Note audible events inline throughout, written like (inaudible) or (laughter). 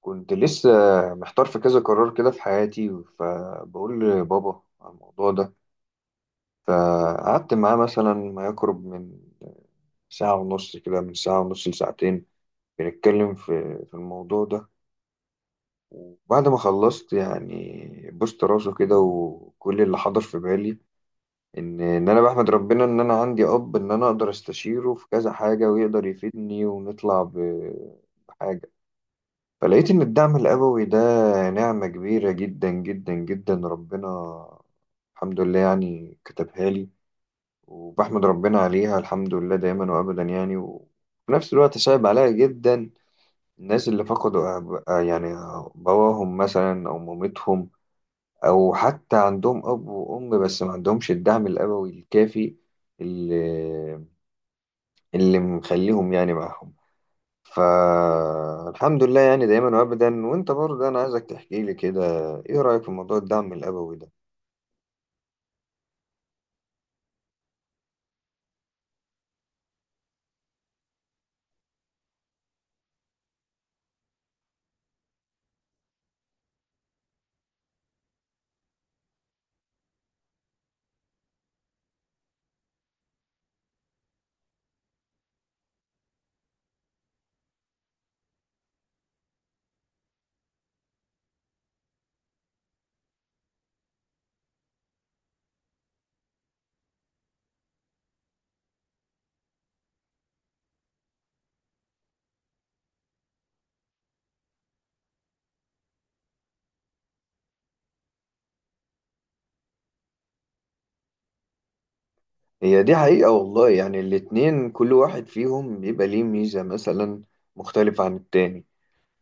كنت لسه محتار في كذا قرار كده في حياتي، فبقول لبابا على الموضوع ده. فقعدت معاه مثلا ما يقرب من ساعة ونص، كده من ساعة ونص لساعتين، بنتكلم في الموضوع ده. وبعد ما خلصت يعني بوست راسه كده، وكل اللي حضر في بالي إن أنا بحمد ربنا إن أنا عندي أب، إن أنا أقدر أستشيره في كذا حاجة ويقدر يفيدني ونطلع بحاجة. فلقيت إن الدعم الأبوي ده نعمة كبيرة جدا جدا جدا. ربنا الحمد لله يعني كتبها لي، وبحمد ربنا عليها الحمد لله دايما وأبدا يعني. وفي نفس الوقت صعب عليا جدا الناس اللي فقدوا أب، يعني باباهم مثلا أو مامتهم، أو حتى عندهم أب وأم بس ما عندهمش الدعم الأبوي الكافي اللي اللي مخليهم يعني معاهم. فالحمد لله يعني دايما وابدا. وانت برضه انا عايزك تحكي لي كده، ايه رايك في موضوع الدعم الابوي ده؟ هي دي حقيقه والله، يعني الاتنين كل واحد فيهم بيبقى ليه ميزه مثلا مختلفه عن التاني.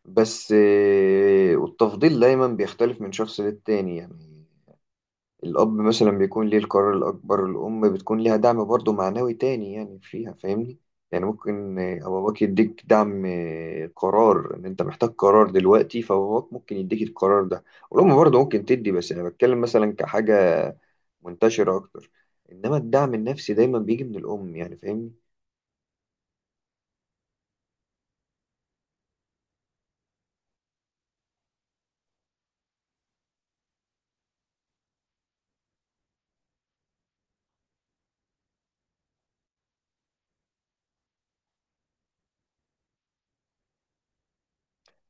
بس والتفضيل دايما بيختلف من شخص للتاني يعني. الأب مثلا بيكون ليه القرار الأكبر، الأم بتكون ليها دعم برضه معنوي تاني، يعني فيها، فاهمني؟ يعني ممكن باباك يديك دعم، قرار إن أنت محتاج قرار دلوقتي، فباباك ممكن يديك القرار ده. والأم برضه ممكن تدي، بس أنا بتكلم مثلا كحاجة منتشرة أكتر. إنما الدعم النفسي دايما بيجي من الأم، يعني فاهمني؟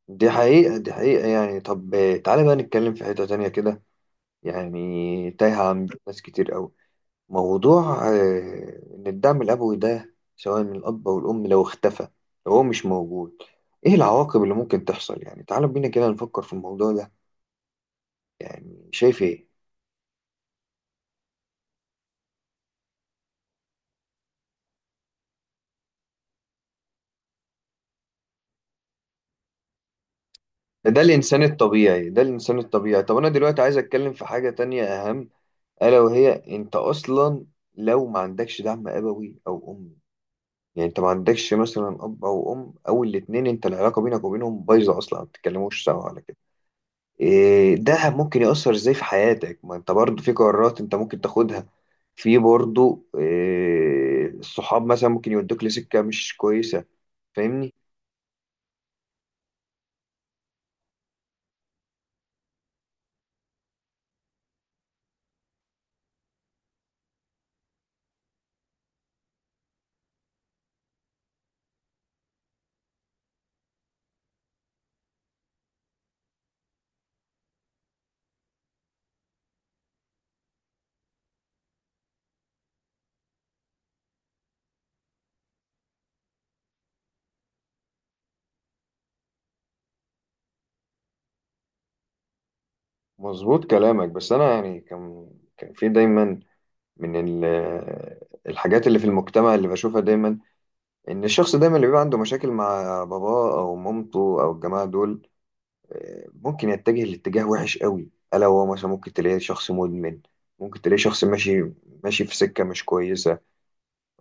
دي حقيقة، دي حقيقة يعني. طب تعالى بقى نتكلم في حتة تانية كده، يعني تايهة عن ناس كتير أوي. موضوع إن الدعم الأبوي ده سواء من الأب أو الأم لو اختفى، لو هو مش موجود، إيه العواقب اللي ممكن تحصل؟ يعني تعالوا بينا كده نفكر في الموضوع ده. يعني شايف إيه؟ ده الإنسان الطبيعي، ده الإنسان الطبيعي. طب أنا دلوقتي عايز أتكلم في حاجة تانية أهم، ألا وهي أنت أصلا لو ما عندكش دعم أبوي أو أمي، يعني أنت ما عندكش مثلا أب أو أم أو الاتنين، أنت العلاقة بينك وبينهم بايظة أصلا ما بتتكلموش سوا على كده، إيه ده ممكن يأثر ازاي في حياتك؟ ما انت برضو في قرارات انت ممكن تاخدها، في برضو إيه، الصحاب مثلا ممكن يودوك لسكة مش كويسة، فاهمني؟ مظبوط كلامك، بس انا يعني كان في دايما من ال- الحاجات اللي في المجتمع اللي بشوفها دايما، ان الشخص دايما اللي بيبقى عنده مشاكل مع باباه او مامته او الجماعه دول، ممكن يتجه لاتجاه وحش قوي، الا هو مثلا ممكن تلاقيه شخص مدمن، ممكن تلاقيه شخص ماشي ماشي في سكه مش كويسه،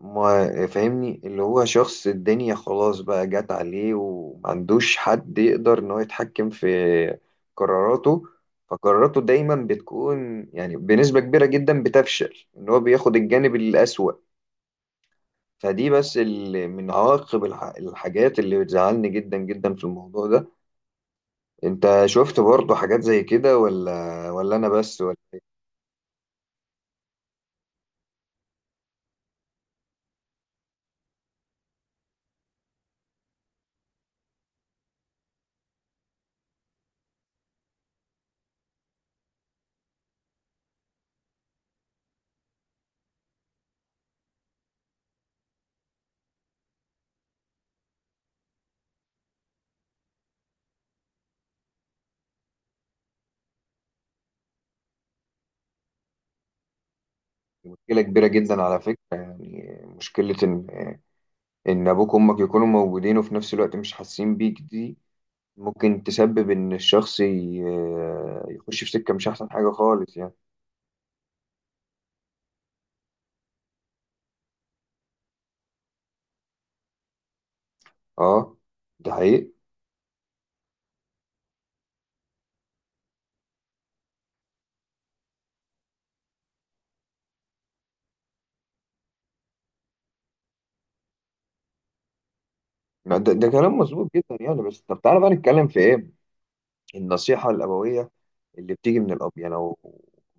ما فاهمني؟ اللي هو شخص الدنيا خلاص بقى جت عليه ومعندوش حد يقدر ان هو يتحكم في قراراته. فقراراته دايما بتكون يعني بنسبة كبيرة جدا بتفشل، ان هو بياخد الجانب الأسوأ. فدي بس من عواقب الحاجات اللي بتزعلني جدا جدا في الموضوع ده. انت شفت برضه حاجات زي كده ولا انا بس، ولا؟ مشكلة كبيرة جدا على فكرة يعني. مشكلة ان ابوك وامك يكونوا موجودين وفي نفس الوقت مش حاسين بيك، دي ممكن تسبب ان الشخص يخش في سكة مش احسن حاجة خالص يعني. اه ده حقيقي. لا، ده كلام مظبوط جدا يعني. بس طب تعالى بقى نتكلم في ايه، النصيحة الأبوية اللي بتيجي من الأب، يعني لو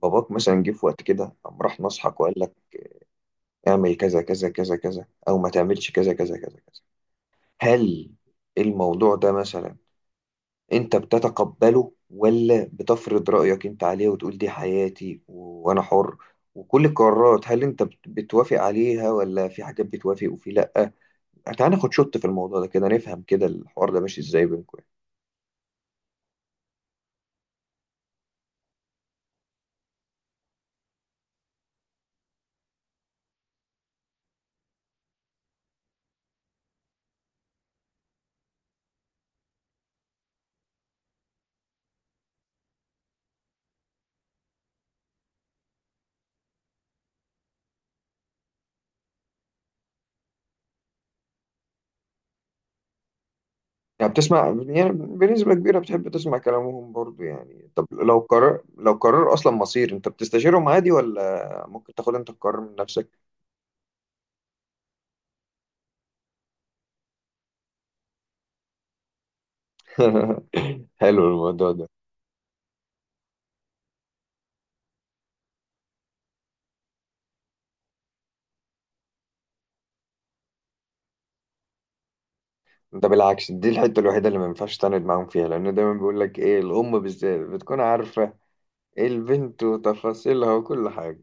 باباك مثلا جه في وقت كده قام راح نصحك وقال لك اعمل كذا كذا كذا كذا أو ما تعملش كذا كذا كذا كذا، هل الموضوع ده مثلا انت بتتقبله ولا بتفرض رأيك انت عليه وتقول دي حياتي وانا حر، وكل القرارات هل انت بتوافق عليها ولا في حاجات بتوافق وفي لأ؟ تعال ناخد شوت في الموضوع ده كده، نفهم كده الحوار ده ماشي ازاي بينكم يعني. يعني بتسمع يعني بنسبة كبيرة بتحب تسمع كلامهم برضو يعني. طب لو قرار، لو قرار اصلا مصير، انت بتستشيرهم عادي ولا ممكن تاخد انت القرار من نفسك؟ (laughs) حلو الموضوع ده. ده بالعكس، دي الحتة الوحيدة اللي ما ينفعش تعاند معاهم فيها، لأن دايما بيقول لك إيه، الأم بالذات بتكون عارفة إيه البنت وتفاصيلها وكل حاجة.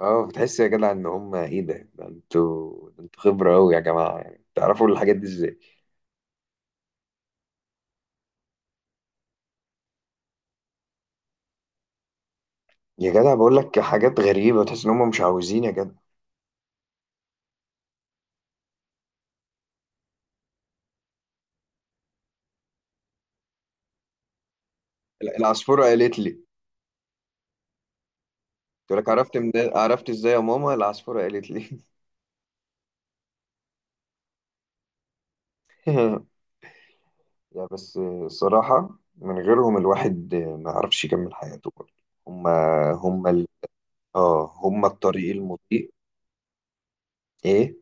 أه، بتحس يا جدع إن هم إيه، ده ده أنتوا، ده أنتوا خبرة أوي يا جماعة، يعني تعرفوا الحاجات دي إزاي؟ يا جدع بقول لك حاجات غريبة، تحس إن هم مش عاوزين يا جدع. العصفورة قالت لي. قلت لك عرفت، من عرفت إزاي يا ماما؟ العصفورة قالت لي. (laughs) يا بس الصراحة من غيرهم الواحد ما يعرفش يكمل حياته. هم هم اه هما الطريق المضيق. ايه؟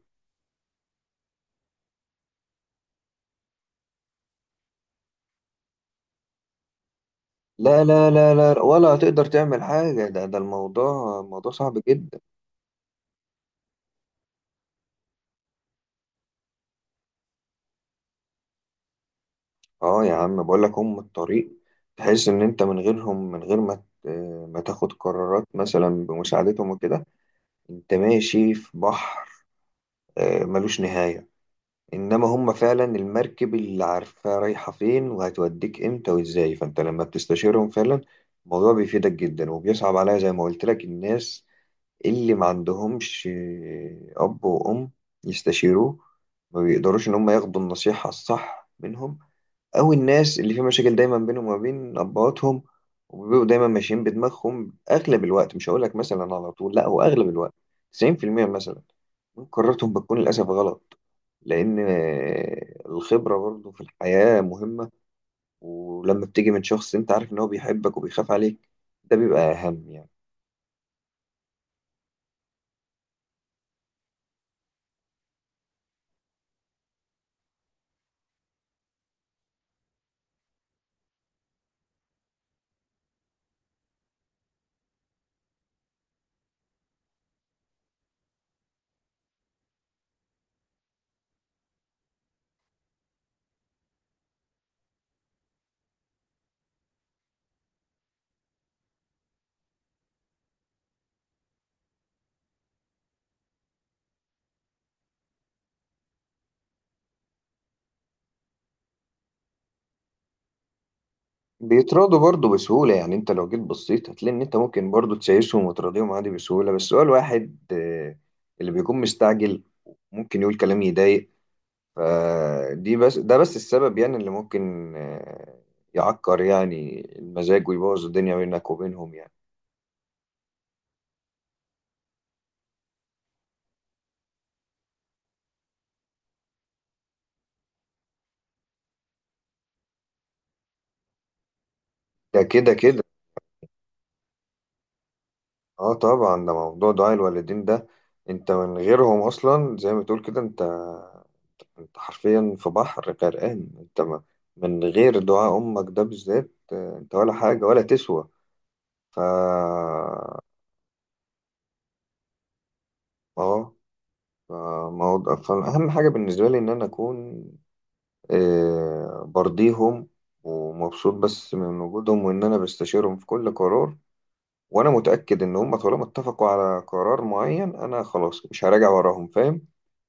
لا لا لا لا، ولا هتقدر تعمل حاجة، ده الموضوع صعب جدا. اه يا عم بقول لك هم الطريق. تحس ان انت من غيرهم، من غير ما ما تاخد قرارات مثلا بمساعدتهم وكده، انت ماشي في بحر ملوش نهاية. انما هم فعلا المركب اللي عارفة رايحة فين وهتوديك امتى وازاي. فانت لما بتستشيرهم فعلا الموضوع بيفيدك جدا. وبيصعب عليا زي ما قلت لك الناس اللي ما عندهمش أب وأم يستشيروه، ما بيقدروش إن هم ياخدوا النصيحة الصح منهم. أو الناس اللي في مشاكل دايما بينهم وما بين أبواتهم، وبيبقوا دايما ماشيين بدماغهم أغلب الوقت. مش هقولك مثلا على طول لأ، هو أغلب الوقت 90% مثلا من قراراتهم بتكون للأسف غلط، لأن الخبرة برضه في الحياة مهمة. ولما بتيجي من شخص أنت عارف إن هو بيحبك وبيخاف عليك، ده بيبقى أهم يعني. بيتراضوا برضه بسهولة يعني. انت لو جيت بصيت هتلاقي ان انت ممكن برضه تسايسهم وتراضيهم عادي بسهولة، بس هو الواحد اللي بيكون مستعجل ممكن يقول كلام يضايق. فدي بس، ده بس السبب يعني اللي ممكن يعكر يعني المزاج ويبوظ الدنيا بينك وبينهم يعني. ده كده كده. اه طبعا، ده موضوع دعاء الوالدين ده، انت من غيرهم اصلا زي ما تقول كده، انت حرفيا في بحر غرقان. انت ما من غير دعاء امك ده بالذات انت ولا حاجة ولا تسوى. ف اه ف- موضوع، فأهم حاجة بالنسبة لي إن أنا أكون برضيهم ومبسوط بس من وجودهم، وإن أنا بستشيرهم في كل قرار. وأنا متأكد إن هم طالما اتفقوا على قرار معين أنا خلاص مش هراجع وراهم، فاهم؟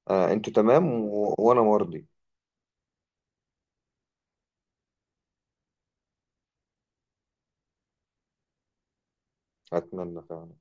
أنتوا تمام وأنا مرضي. أتمنى فعلا.